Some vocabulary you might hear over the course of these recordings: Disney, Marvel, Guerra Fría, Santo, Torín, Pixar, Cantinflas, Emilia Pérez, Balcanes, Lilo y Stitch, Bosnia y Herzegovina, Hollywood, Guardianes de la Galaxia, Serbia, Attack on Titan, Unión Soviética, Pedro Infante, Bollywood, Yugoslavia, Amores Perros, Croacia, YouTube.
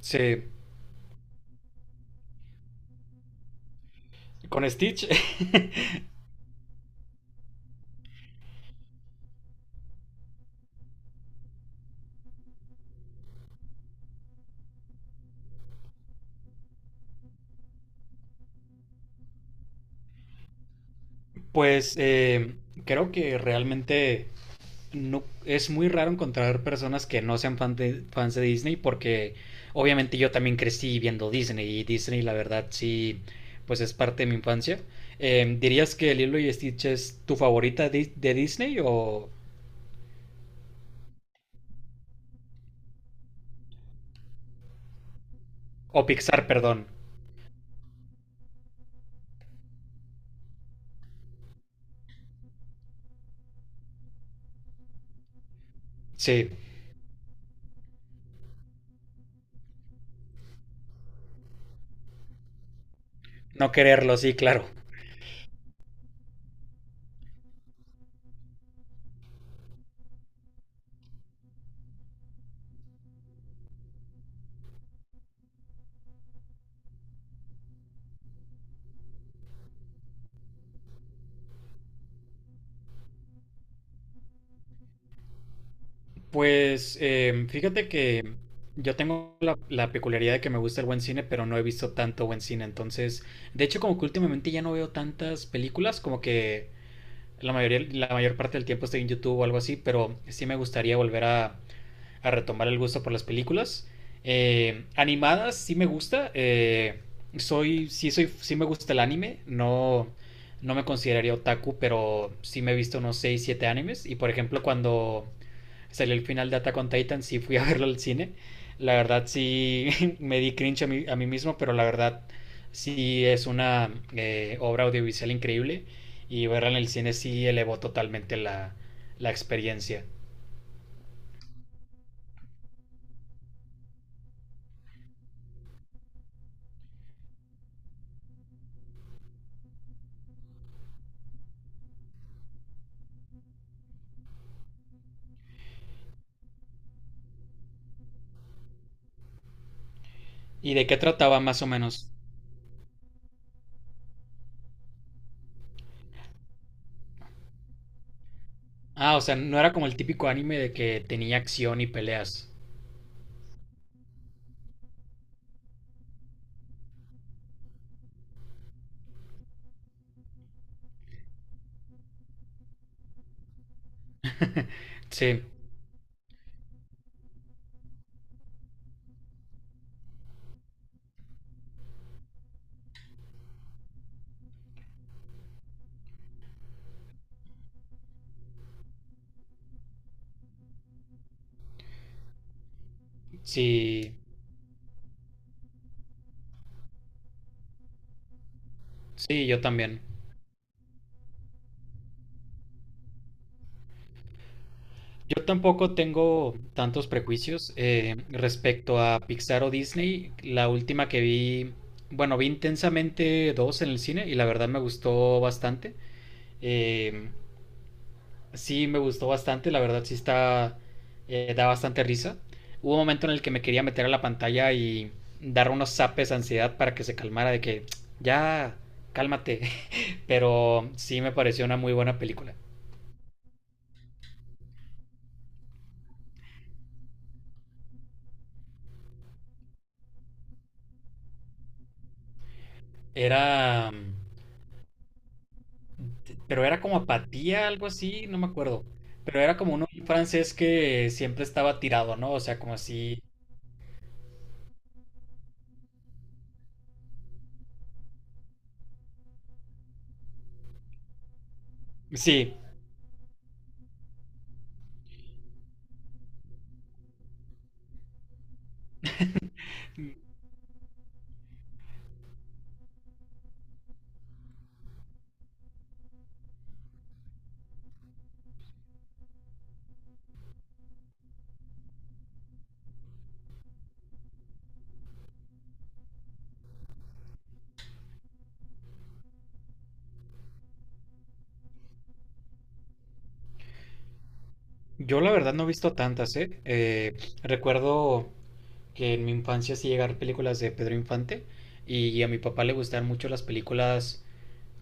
Sí, con Stitch. Pues creo que realmente no, es muy raro encontrar personas que no sean fans de Disney porque obviamente yo también crecí viendo Disney y Disney la verdad sí pues es parte de mi infancia. ¿Dirías que Lilo y Stitch es tu favorita de Disney o Pixar, perdón? Sí, no quererlo, sí, claro. Pues fíjate que yo tengo la peculiaridad de que me gusta el buen cine, pero no he visto tanto buen cine. Entonces, de hecho, como que últimamente ya no veo tantas películas, como que la mayoría, la mayor parte del tiempo estoy en YouTube o algo así, pero sí me gustaría volver a retomar el gusto por las películas. Animadas sí me gusta. Soy, sí soy, sí me gusta el anime. No, no me consideraría otaku, pero sí me he visto unos 6 7 animes. Y por ejemplo, cuando salió el final de Attack on Titan, sí fui a verlo al cine. La verdad sí, me di cringe a mí mismo, pero la verdad sí es una obra audiovisual increíble y verla en el cine sí elevó totalmente la experiencia. ¿Y de qué trataba más o menos? Ah, o sea, no era como el típico anime de que tenía acción y peleas. Sí, sí, sí, yo también. Yo tampoco tengo tantos prejuicios respecto a Pixar o Disney. La última que vi, bueno, vi intensamente dos en el cine y la verdad me gustó bastante. Eh, sí, me gustó bastante, la verdad sí está, da bastante risa. Hubo un momento en el que me quería meter a la pantalla y dar unos zapes de ansiedad para que se calmara de que ya, cálmate. Pero sí me pareció una muy buena película. Era... pero era como apatía, algo así, no me acuerdo. Pero era como un francés que siempre estaba tirado, ¿no? O sea, como así. Sí, yo la verdad no he visto tantas, ¿eh? Recuerdo que en mi infancia sí llegaron películas de Pedro Infante y a mi papá le gustaban mucho las películas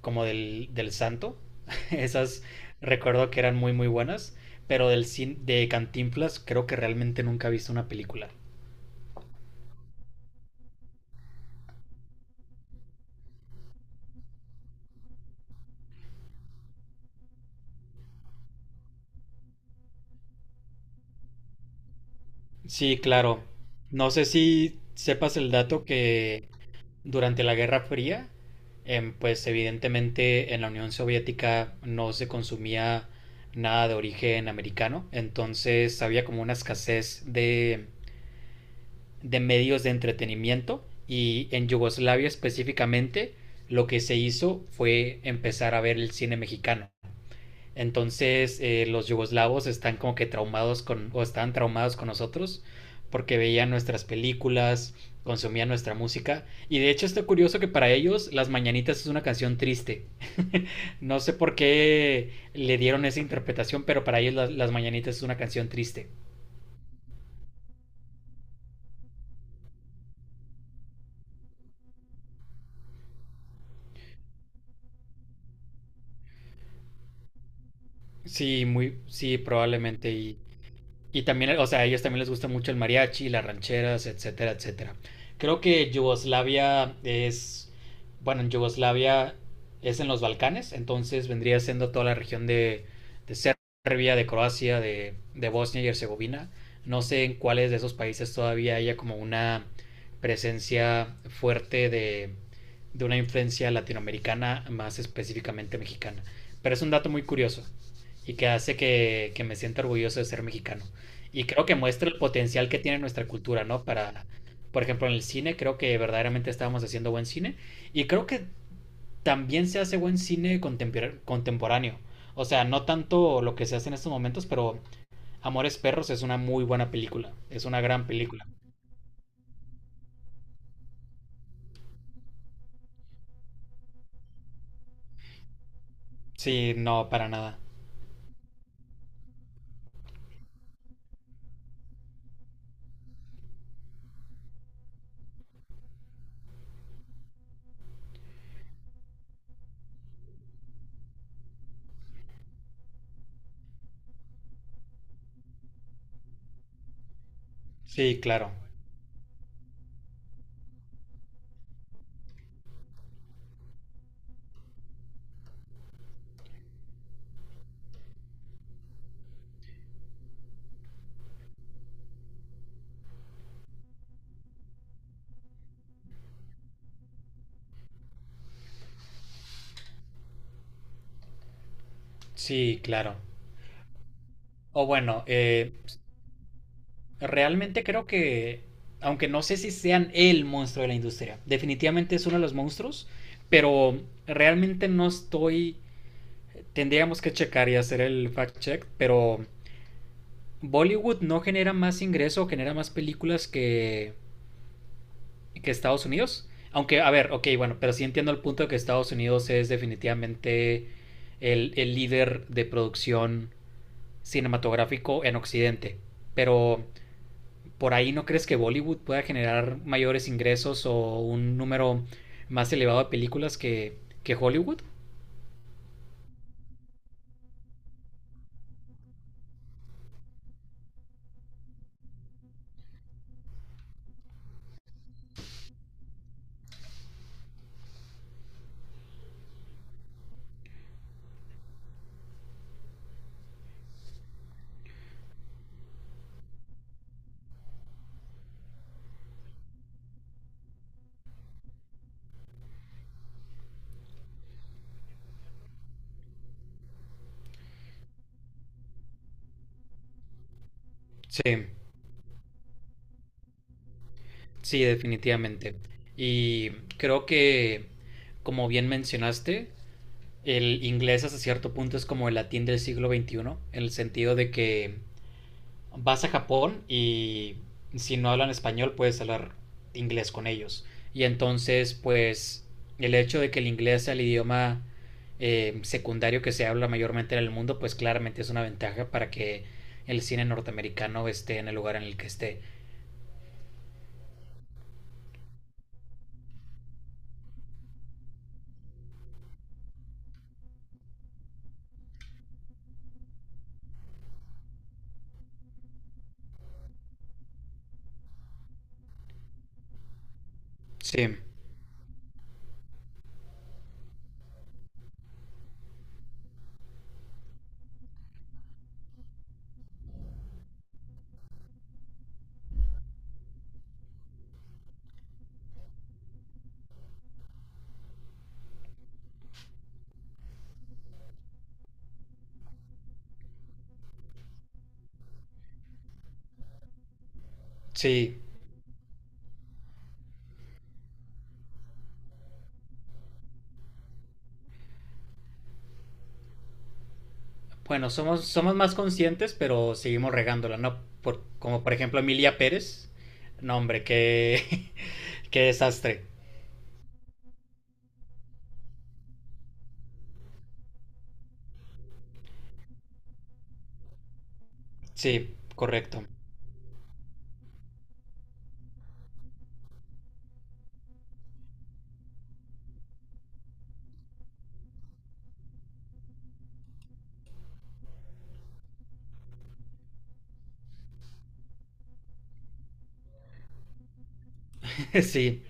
como del Santo. Esas recuerdo que eran muy muy buenas, pero de Cantinflas creo que realmente nunca he visto una película. Sí, claro. No sé si sepas el dato que durante la Guerra Fría, pues evidentemente en la Unión Soviética no se consumía nada de origen americano, entonces había como una escasez de medios de entretenimiento y en Yugoslavia específicamente lo que se hizo fue empezar a ver el cine mexicano. Entonces los yugoslavos están como que traumados con, o estaban traumados con nosotros porque veían nuestras películas, consumían nuestra música. Y de hecho está curioso que para ellos Las Mañanitas es una canción triste. No sé por qué le dieron esa interpretación, pero para ellos Las Mañanitas es una canción triste. Sí, muy, sí, probablemente. Y también, o sea, a ellos también les gusta mucho el mariachi, las rancheras, etcétera, etcétera. Creo que Yugoslavia es, bueno, en Yugoslavia es en los Balcanes, entonces vendría siendo toda la región de Serbia, de Croacia, de Bosnia y Herzegovina. No sé en cuáles de esos países todavía haya como una presencia fuerte de una influencia latinoamericana, más específicamente mexicana. Pero es un dato muy curioso y que hace que me sienta orgulloso de ser mexicano. Y creo que muestra el potencial que tiene nuestra cultura, ¿no? Para, por ejemplo, en el cine, creo que verdaderamente estábamos haciendo buen cine. Y creo que también se hace buen cine contemporáneo. O sea, no tanto lo que se hace en estos momentos, pero Amores Perros es una muy buena película. Es una gran película. Sí, no, para nada. Sí, claro. Sí, claro. O bueno, realmente creo que, aunque no sé si sean el monstruo de la industria, definitivamente es uno de los monstruos, pero realmente no estoy, tendríamos que checar y hacer el fact check, pero Bollywood no genera más ingreso, genera más películas que Estados Unidos. Aunque, a ver, ok, bueno, pero sí entiendo el punto de que Estados Unidos es definitivamente el líder de producción cinematográfico en Occidente. Pero, ¿por ahí no crees que Bollywood pueda generar mayores ingresos o un número más elevado de películas que Hollywood? Sí, sí, definitivamente. Y creo que, como bien mencionaste, el inglés hasta cierto punto es como el latín del siglo XXI, en el sentido de que vas a Japón y si no hablan español puedes hablar inglés con ellos. Y entonces, pues, el hecho de que el inglés sea el idioma secundario que se habla mayormente en el mundo, pues claramente es una ventaja para que el cine norteamericano esté en el lugar en el que esté. Sí, sí. Bueno, somos más conscientes, pero seguimos regándola, ¿no? Por, como por ejemplo Emilia Pérez. No, hombre, qué, qué desastre. Sí, correcto. Sí.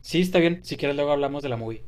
Sí, está bien. Si quieres, luego hablamos de la movie.